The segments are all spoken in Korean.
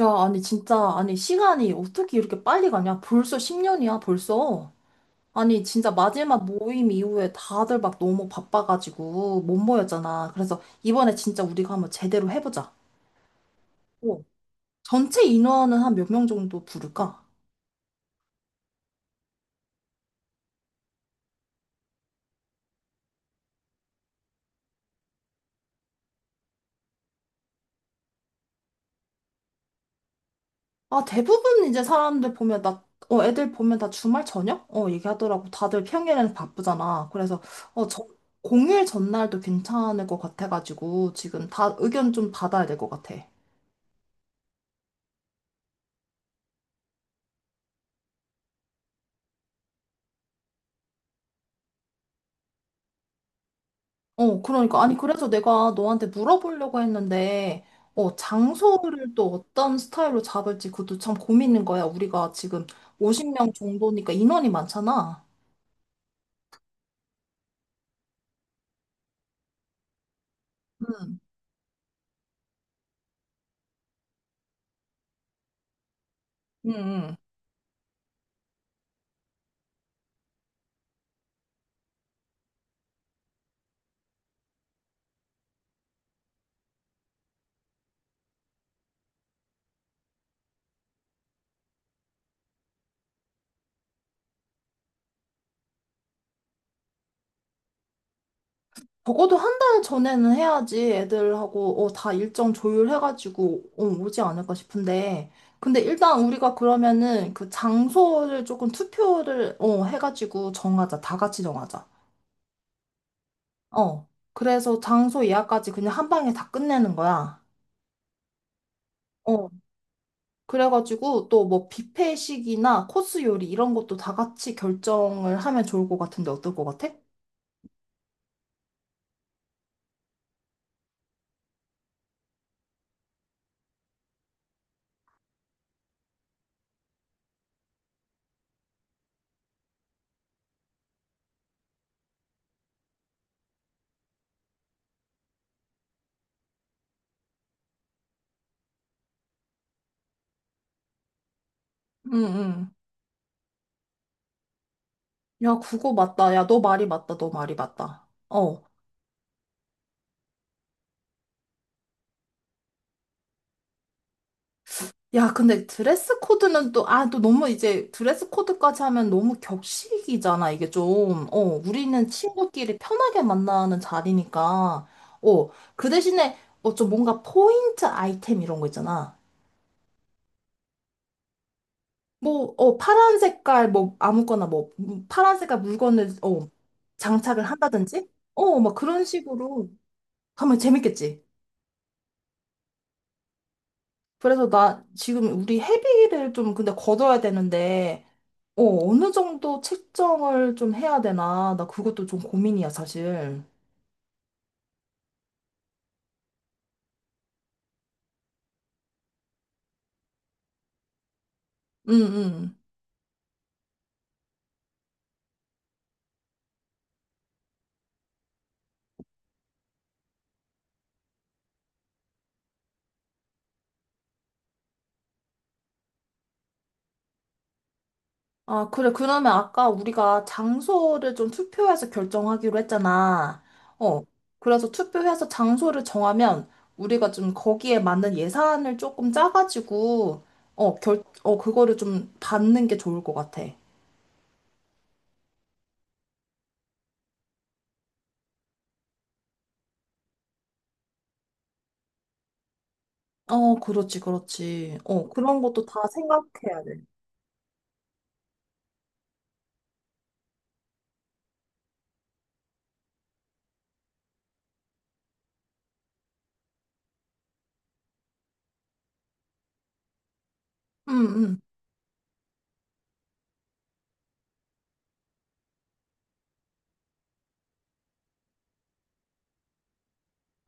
야, 아니, 진짜, 아니, 시간이 어떻게 이렇게 빨리 가냐? 벌써 10년이야, 벌써. 아니, 진짜 마지막 모임 이후에 다들 막 너무 바빠가지고 못 모였잖아. 그래서 이번에 진짜 우리가 한번 제대로 해보자. 어. 전체 인원은 한 몇 명 정도 부를까? 아, 대부분 이제 사람들 보면 애들 보면 다 주말 저녁? 얘기하더라고. 다들 평일에는 바쁘잖아. 그래서, 어, 저, 공휴일 전날도 괜찮을 것 같아가지고 지금 다 의견 좀 받아야 될 것 같아. 그러니까. 아니, 그래서 내가 너한테 물어보려고 했는데, 장소를 또 어떤 스타일로 잡을지 그것도 참 고민인 거야. 우리가 지금 50명 정도니까 인원이 많잖아. 응, 응, 응. 적어도 한 달 전에는 해야지 애들하고 다 일정 조율해가지고 오지 않을까 싶은데. 근데 일단 우리가 그러면은 그 장소를 조금 투표를 해가지고 정하자. 다 같이 정하자. 어. 그래서 장소 예약까지 그냥 한 방에 다 끝내는 거야. 어, 그래가지고 또 뭐 뷔페식이나 코스 요리 이런 것도 다 같이 결정을 하면 좋을 것 같은데 어떨 것 같아? 응, 응. 야, 그거 맞다. 야, 너 말이 맞다. 너 말이 맞다. 어. 야, 근데 드레스 코드는 또, 또 너무 이제 드레스 코드까지 하면 너무 격식이잖아, 이게 좀. 우리는 친구끼리 편하게 만나는 자리니까. 어, 그 대신에, 좀 뭔가 포인트 아이템 이런 거 있잖아. 뭐, 파란 색깔, 뭐, 아무거나 뭐, 파란 색깔 물건을, 장착을 한다든지? 막 그런 식으로 하면 재밌겠지. 그래서 나 지금 우리 회비를 좀 근데 걷어야 되는데, 어, 어느 정도 책정을 좀 해야 되나? 나 그것도 좀 고민이야, 사실. 응, 응. 아, 그래. 그러면 아까 우리가 장소를 좀 투표해서 결정하기로 했잖아. 어. 그래서 투표해서 장소를 정하면 우리가 좀 거기에 맞는 예산을 조금 짜가지고, 그거를 좀 받는 게 좋을 것 같아. 그렇지, 그렇지. 그런 것도 다 생각해야 돼. 응, 응.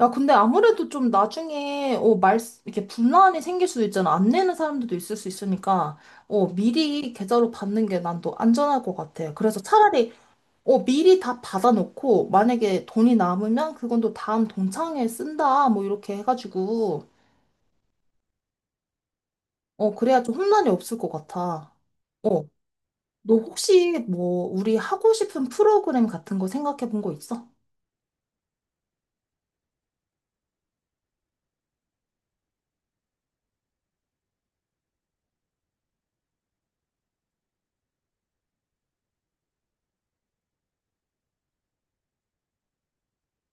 야, 근데 아무래도 좀 나중에, 이렇게 분란이 생길 수도 있잖아. 안 내는 사람들도 있을 수 있으니까, 미리 계좌로 받는 게 난 또 안전할 것 같아. 그래서 차라리, 미리 다 받아놓고, 만약에 돈이 남으면 그건 또 다음 동창회에 쓴다, 뭐, 이렇게 해가지고, 그래야 좀 혼란이 없을 것 같아. 어, 너 혹시 뭐, 우리 하고 싶은 프로그램 같은 거 생각해 본 거 있어?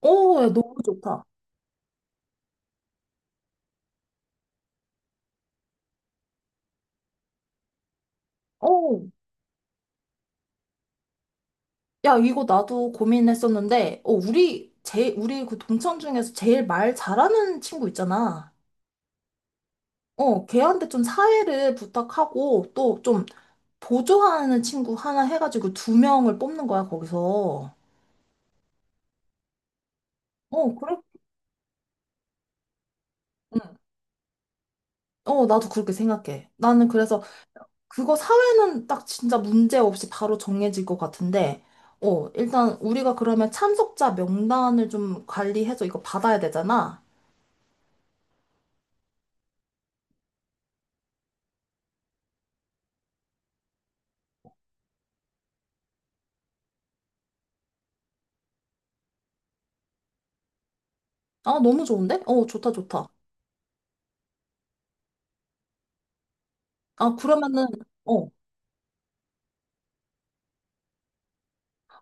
오, 야, 너무 좋다. 오, 야, 이거 나도 고민했었는데, 우리 그 동창 중에서 제일 말 잘하는 친구 있잖아. 걔한테 좀 사회를 부탁하고, 또 좀 보조하는 친구 하나 해가지고 두 명을 뽑는 거야, 거기서. 그래? 응. 나도 그렇게 생각해. 나는 그래서 그거 사회는 딱 진짜 문제 없이 바로 정해질 것 같은데, 일단 우리가 그러면 참석자 명단을 좀 관리해서 이거 받아야 되잖아. 아, 너무 좋은데? 좋다, 좋다. 아, 그러면은, 어,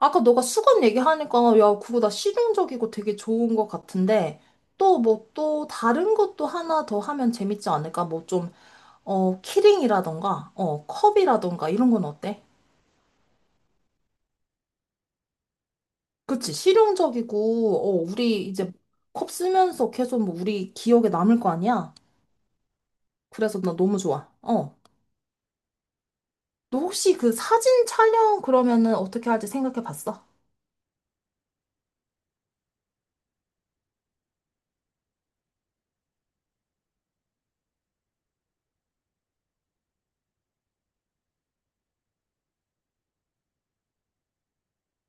아까 너가 수건 얘기하니까, 야, 그거 나 실용적이고 되게 좋은 것 같은데, 또 뭐, 또 다른 것도 하나 더 하면 재밌지 않을까? 뭐 좀, 키링이라던가, 컵이라던가, 이런 건 어때? 그치, 실용적이고, 우리 이제 컵 쓰면서 계속 뭐 우리 기억에 남을 거 아니야? 그래서 나 너무 좋아. 어. 너 혹시 그 사진 촬영 그러면은 어떻게 할지 생각해 봤어?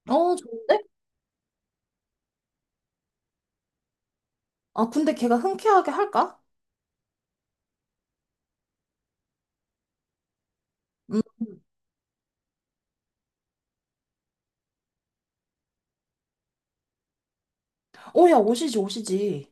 좋은데? 아, 근데 걔가 흔쾌하게 할까? 음, 야, 오시지, 오시지.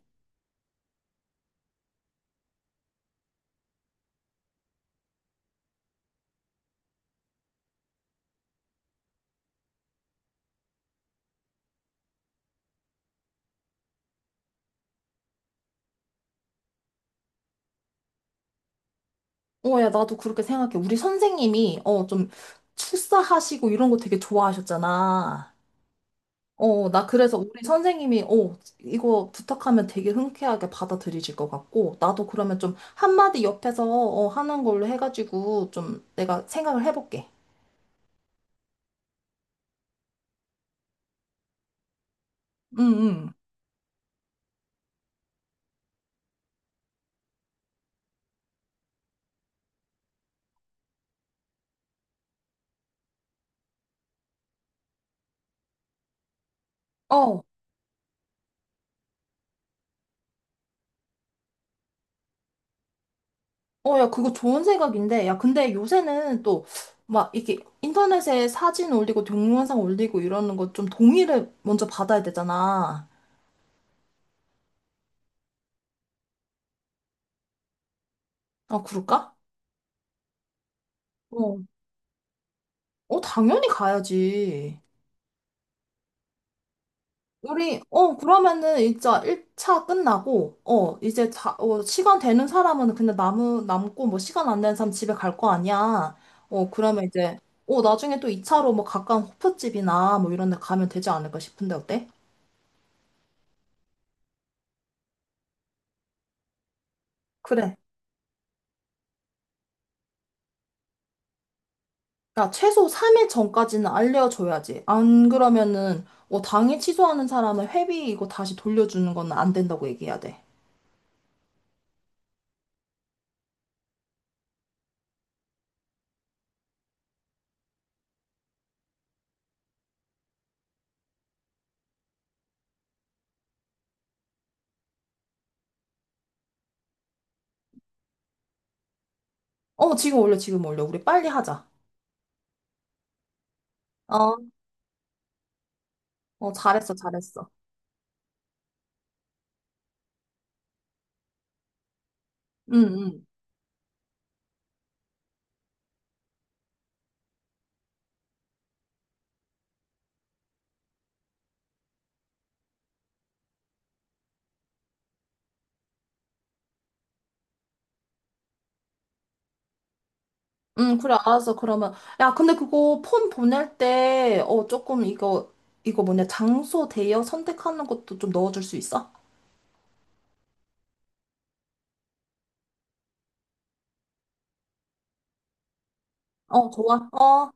야, 나도 그렇게 생각해. 우리 선생님이, 좀, 축사하시고 이런 거 되게 좋아하셨잖아. 나 그래서 우리 선생님이, 이거 부탁하면 되게 흔쾌하게 받아들이실 것 같고, 나도 그러면 좀 한마디 옆에서, 하는 걸로 해가지고, 좀 내가 생각을 해볼게. 응, 응. 어, 어, 야, 그거 좋은 생각인데, 야, 근데 요새는 또, 막, 이렇게 인터넷에 사진 올리고, 동영상 올리고 이러는 거 좀 동의를 먼저 받아야 되잖아. 아, 그럴까? 어. 어, 당연히 가야지. 그러면은 이제 1차 끝나고, 이제 자, 시간 되는 사람은 그냥 남고, 뭐, 시간 안 되는 사람 집에 갈 거 아니야. 그러면 이제, 나중에 또 2차로 뭐, 가까운 호프집이나 뭐, 이런 데 가면 되지 않을까 싶은데, 어때? 그래. 야, 최소 3일 전까지는 알려줘야지. 안 그러면은, 당일 취소하는 사람은 회비 이거 다시 돌려주는 건 안 된다고 얘기해야 돼. 지금 올려, 지금 올려. 우리 빨리 하자. 어, 어, 잘했어, 잘했어. 응, 응. 응, 그래, 알았어. 그러면. 야, 근데 그거 폰 보낼 때, 조금 이거, 뭐냐, 장소 대여 선택하는 것도 좀 넣어줄 수 있어? 좋아. 어.